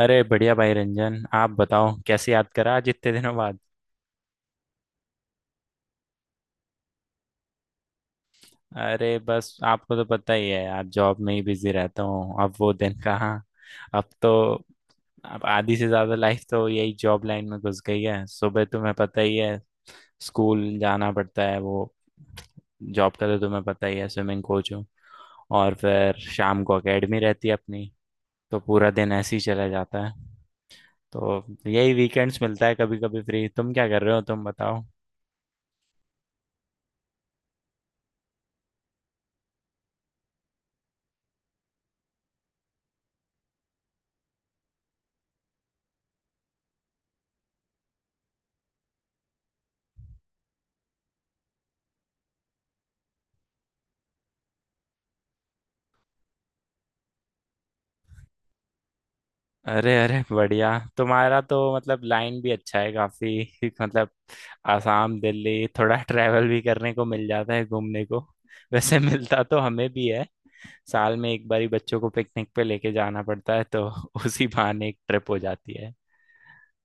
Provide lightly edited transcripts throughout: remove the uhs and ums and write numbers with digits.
अरे बढ़िया भाई रंजन, आप बताओ, कैसे याद करा आज इतने दिनों बाद। अरे बस, आपको तो पता ही है, आप जॉब में ही बिजी रहता हूँ। अब वो दिन कहाँ। अब तो अब आधी से ज्यादा लाइफ तो यही जॉब लाइन में घुस गई है। सुबह तुम्हें पता ही है, स्कूल जाना पड़ता है। वो जॉब का तो तुम्हें पता ही है, स्विमिंग कोच हूँ। और फिर शाम को एकेडमी रहती है अपनी। तो पूरा दिन ऐसे ही चला जाता है। तो यही वीकेंड्स मिलता है कभी कभी फ्री। तुम क्या कर रहे हो, तुम बताओ। अरे अरे बढ़िया। तुम्हारा तो मतलब लाइन भी अच्छा है काफी। मतलब आसाम दिल्ली, थोड़ा ट्रैवल भी करने को मिल जाता है, घूमने को। वैसे मिलता तो हमें भी है, साल में एक बार ही बच्चों को पिकनिक पे लेके जाना पड़ता है, तो उसी बहाने एक ट्रिप हो जाती है।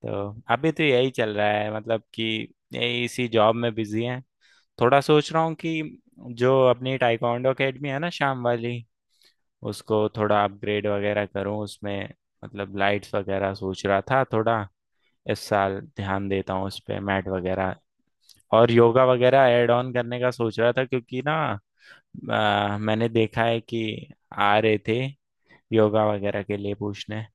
तो अभी तो यही चल रहा है, मतलब कि यही इसी जॉब में बिजी हैं। थोड़ा सोच रहा हूँ कि जो अपनी टाइकोंडो अकेडमी है ना, शाम वाली, उसको थोड़ा अपग्रेड वगैरह करूँ उसमें। मतलब लाइट्स वगैरह सोच रहा था, थोड़ा इस साल ध्यान देता हूँ उस पे। मैट वगैरह और योगा वगैरह ऐड ऑन करने का सोच रहा था, क्योंकि ना मैंने देखा है कि आ रहे थे योगा वगैरह के लिए पूछने।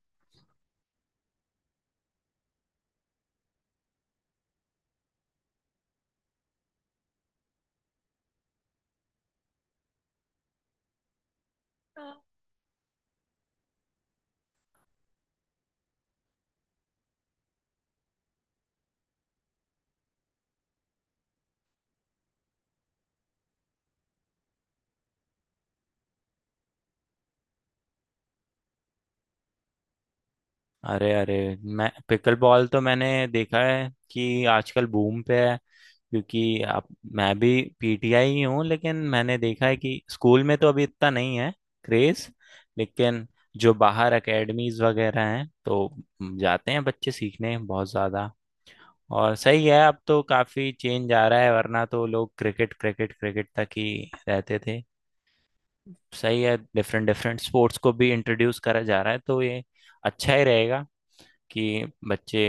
अरे अरे, मैं पिकल बॉल तो मैंने देखा है कि आजकल बूम पे है। क्योंकि आप, मैं भी पीटीआई ही हूँ, लेकिन मैंने देखा है कि स्कूल में तो अभी इतना नहीं है क्रेज। लेकिन जो बाहर एकेडमीज वगैरह हैं, तो जाते हैं बच्चे सीखने बहुत ज़्यादा। और सही है, अब तो काफ़ी चेंज आ रहा है, वरना तो लोग क्रिकेट क्रिकेट क्रिकेट तक ही रहते थे। सही है, डिफरेंट डिफरेंट स्पोर्ट्स को भी इंट्रोड्यूस करा जा रहा है, तो ये अच्छा ही रहेगा कि बच्चे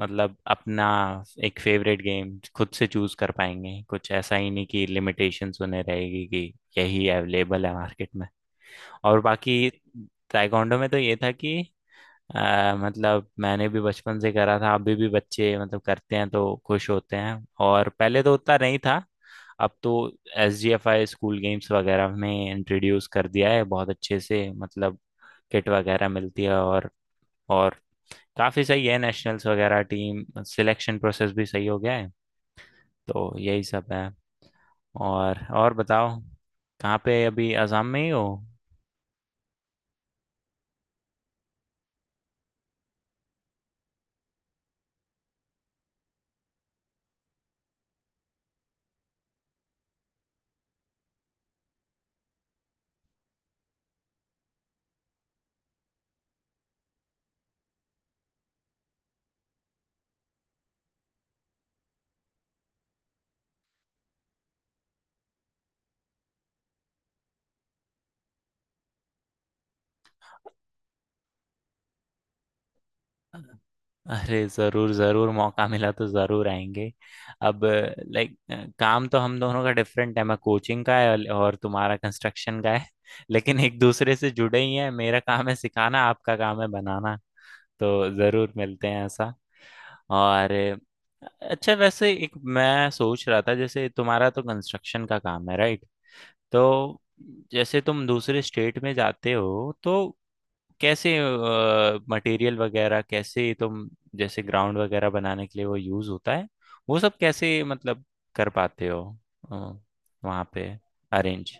मतलब अपना एक फेवरेट गेम खुद से चूज कर पाएंगे। कुछ ऐसा ही नहीं कि लिमिटेशंस उन्हें रहेगी कि यही अवेलेबल है मार्केट में। और बाकी ताइक्वांडो में तो ये था कि मतलब मैंने भी बचपन से करा था, अभी भी बच्चे मतलब करते हैं तो खुश होते हैं। और पहले तो उतना नहीं था, अब तो S G F I school games वगैरह में इंट्रोड्यूस कर दिया है बहुत अच्छे से, मतलब किट वगैरह मिलती है। और और काफी सही है, नेशनल्स वगैरह टीम सिलेक्शन प्रोसेस भी सही हो गया है। तो यही सब है। और बताओ, कहाँ पे अभी, असम में ही हो। अरे ज़रूर ज़रूर, मौका मिला तो ज़रूर आएंगे। अब लाइक काम तो हम दोनों का डिफरेंट है, मैं कोचिंग का है और तुम्हारा कंस्ट्रक्शन का है। लेकिन एक दूसरे से जुड़े ही हैं, मेरा काम है सिखाना, आपका काम है बनाना। तो ज़रूर मिलते हैं ऐसा। और अच्छा, वैसे एक मैं सोच रहा था, जैसे तुम्हारा तो कंस्ट्रक्शन का काम है, राइट, तो जैसे तुम दूसरे स्टेट में जाते हो, तो कैसे मटेरियल वगैरह कैसे तुम, जैसे ग्राउंड वगैरह बनाने के लिए वो यूज होता है, वो सब कैसे मतलब कर पाते हो अ, वहाँ पे, अरेंज।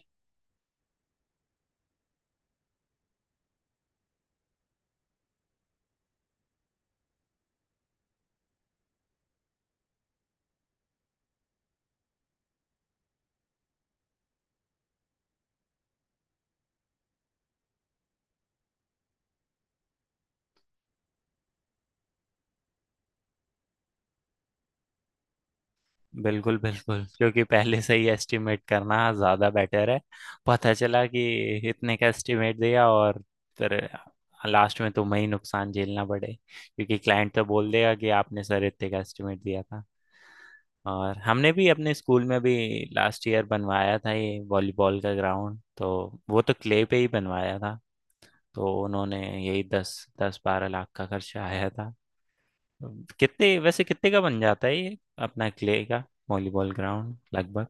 बिल्कुल बिल्कुल, क्योंकि पहले से ही एस्टिमेट करना ज़्यादा बेटर है। पता चला कि इतने का एस्टिमेट दिया, और फिर लास्ट में तुम्हें ही नुकसान झेलना पड़े, क्योंकि क्लाइंट तो बोल देगा कि आपने सर इतने का एस्टिमेट दिया था। और हमने भी अपने स्कूल में भी लास्ट ईयर बनवाया था ये वॉलीबॉल का ग्राउंड, तो वो तो क्ले पे ही बनवाया था, तो उन्होंने यही दस 10-12 लाख का खर्चा आया था। कितने, वैसे कितने का बन जाता है, ये अपना क्ले का वॉलीबॉल ग्राउंड लगभग।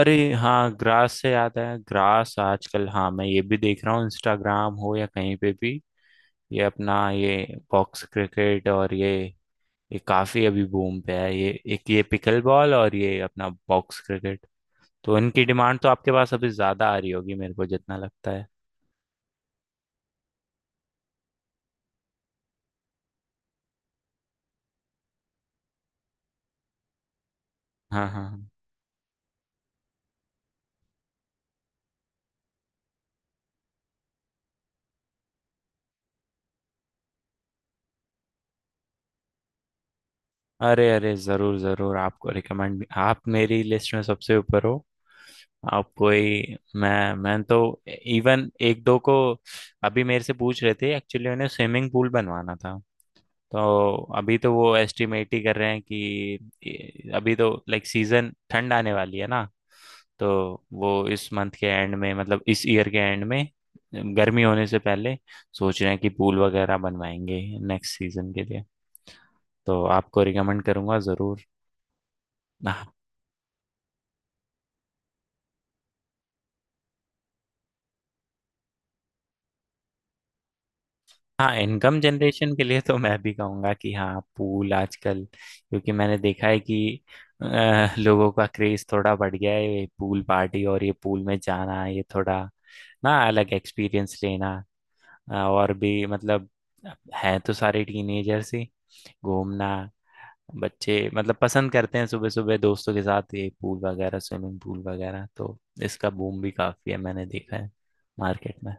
अरे हाँ, ग्रास से याद है, ग्रास आजकल, हाँ मैं ये भी देख रहा हूँ, इंस्टाग्राम हो या कहीं पे भी, ये अपना ये बॉक्स क्रिकेट और ये काफी अभी बूम पे है, ये एक ये पिकल बॉल और ये अपना बॉक्स क्रिकेट। तो इनकी डिमांड तो आपके पास अभी ज्यादा आ रही होगी, मेरे को जितना लगता है। हाँ हाँ हाँ। अरे अरे, जरूर जरूर आपको रिकमेंड भी। आप मेरी लिस्ट में सबसे ऊपर हो। आप कोई, मैं तो इवन एक दो को अभी मेरे से पूछ रहे थे एक्चुअली, उन्हें स्विमिंग पूल बनवाना था। तो अभी तो वो एस्टिमेट ही कर रहे हैं कि ये- अभी तो लाइक सीजन, ठंड आने वाली है ना, तो वो इस मंथ के एंड में, मतलब इस ईयर के एंड में, गर्मी होने से पहले सोच रहे हैं कि पूल वगैरह बनवाएंगे नेक्स्ट सीजन के लिए। तो आपको रिकमेंड करूंगा जरूर। हाँ। हाँ, इनकम जनरेशन के लिए तो मैं भी कहूँगा कि हाँ, पूल आजकल, क्योंकि मैंने देखा है कि लोगों का क्रेज थोड़ा बढ़ गया है, ये पूल पार्टी और ये पूल में जाना, ये थोड़ा ना अलग एक्सपीरियंस लेना, और भी मतलब हैं तो सारे टीनेजर्स ही। घूमना बच्चे मतलब पसंद करते हैं सुबह सुबह दोस्तों के साथ, ये पूल वगैरह स्विमिंग पूल वगैरह, तो इसका बूम भी काफ़ी है, मैंने देखा है मार्केट में।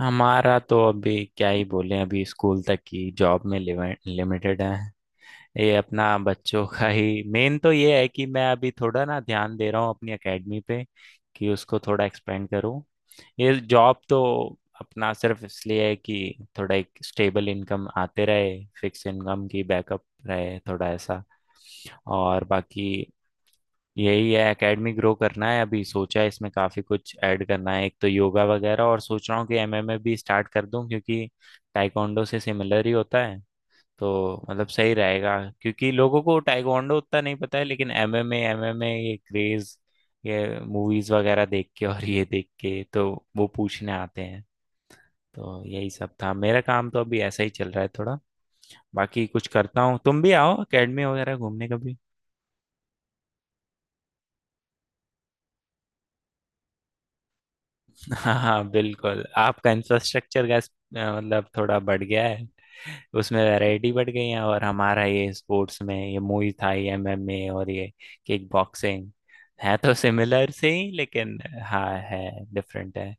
हमारा तो अभी क्या ही बोले, अभी स्कूल तक की जॉब में लिमिटेड है। ये अपना बच्चों का ही मेन तो ये है कि मैं अभी थोड़ा ना ध्यान दे रहा हूँ अपनी एकेडमी पे, कि उसको थोड़ा एक्सपेंड करूँ। ये जॉब तो अपना सिर्फ इसलिए है कि थोड़ा एक स्टेबल इनकम आते रहे, फिक्स इनकम की बैकअप रहे, थोड़ा ऐसा। और बाकी यही है, एकेडमी ग्रो करना है। अभी सोचा है इसमें काफी कुछ ऐड करना है, एक तो योगा वगैरह, और सोच रहा हूँ कि एमएमए भी स्टार्ट कर दूं, क्योंकि ताइक्वांडो से सिमिलर ही होता है, तो मतलब सही रहेगा। क्योंकि लोगों को ताइक्वांडो उतना नहीं पता है, लेकिन एमएमए, ये क्रेज, ये मूवीज वगैरह देख के और ये देख के, तो वो पूछने आते हैं। तो यही सब था, मेरा काम तो अभी ऐसा ही चल रहा है थोड़ा। बाकी कुछ करता हूँ, तुम भी आओ एकेडमी वगैरह घूमने कभी। हाँ हाँ बिल्कुल, आपका इंफ्रास्ट्रक्चर का मतलब थोड़ा बढ़ गया है, उसमें वैरायटी बढ़ गई है। और हमारा ये स्पोर्ट्स में ये मुई थाई, एमएमए और ये किक बॉक्सिंग है, तो सिमिलर से ही, लेकिन हाँ, है, डिफरेंट है,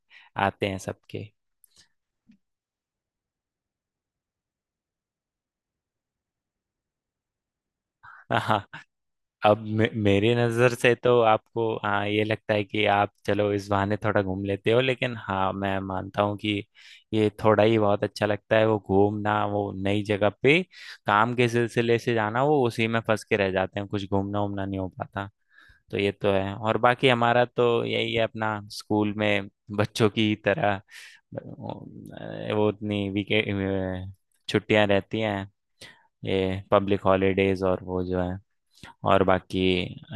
आते हैं सबके। हाँ हाँ। अब मे मेरी नज़र से तो आपको हाँ ये लगता है कि आप चलो इस बहाने थोड़ा घूम लेते हो, लेकिन हाँ मैं मानता हूँ कि ये थोड़ा ही बहुत अच्छा लगता है, वो घूमना, वो नई जगह पे काम के सिलसिले से जाना, वो उसी में फंस के रह जाते हैं, कुछ घूमना उमना नहीं हो पाता। तो ये तो है। और बाकी हमारा तो यही है अपना, स्कूल में बच्चों की तरह वो उतनी वीके छुट्टियां रहती हैं, ये पब्लिक हॉलीडेज और वो जो है। और बाकी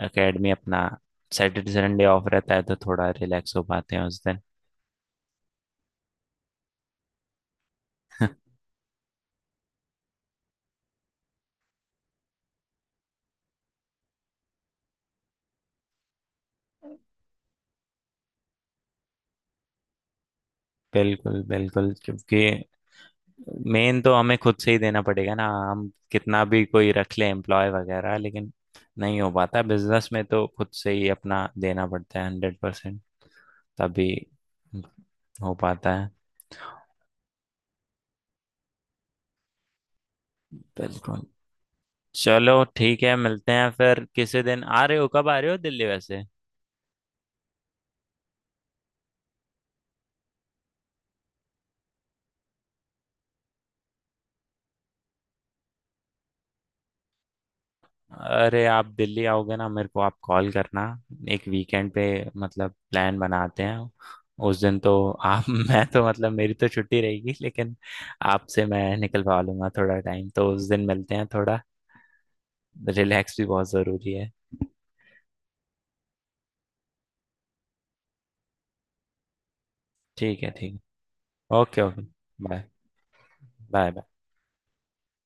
एकेडमी अपना सैटरडे संडे ऑफ रहता है, तो थोड़ा रिलैक्स हो पाते हैं उस दिन। बिल्कुल बिल्कुल, क्योंकि मेन तो हमें खुद से ही देना पड़ेगा ना, हम कितना भी कोई रख ले एम्प्लॉय वगैरह लेकिन नहीं हो पाता। बिजनेस में तो खुद से ही अपना देना पड़ता है 100%, तभी हो पाता है। बिल्कुल। चलो ठीक है, मिलते हैं फिर किसी दिन। आ रहे हो, कब आ रहे हो दिल्ली वैसे। अरे आप दिल्ली आओगे ना, मेरे को आप कॉल करना, एक वीकेंड पे मतलब प्लान बनाते हैं। उस दिन तो आप मैं तो, मतलब मेरी तो छुट्टी रहेगी, लेकिन आपसे मैं निकलवा लूंगा थोड़ा टाइम, तो उस दिन मिलते हैं थोड़ा। रिलैक्स भी बहुत ज़रूरी है। ठीक है, ठीक है। Okay okay. बाय। बाय।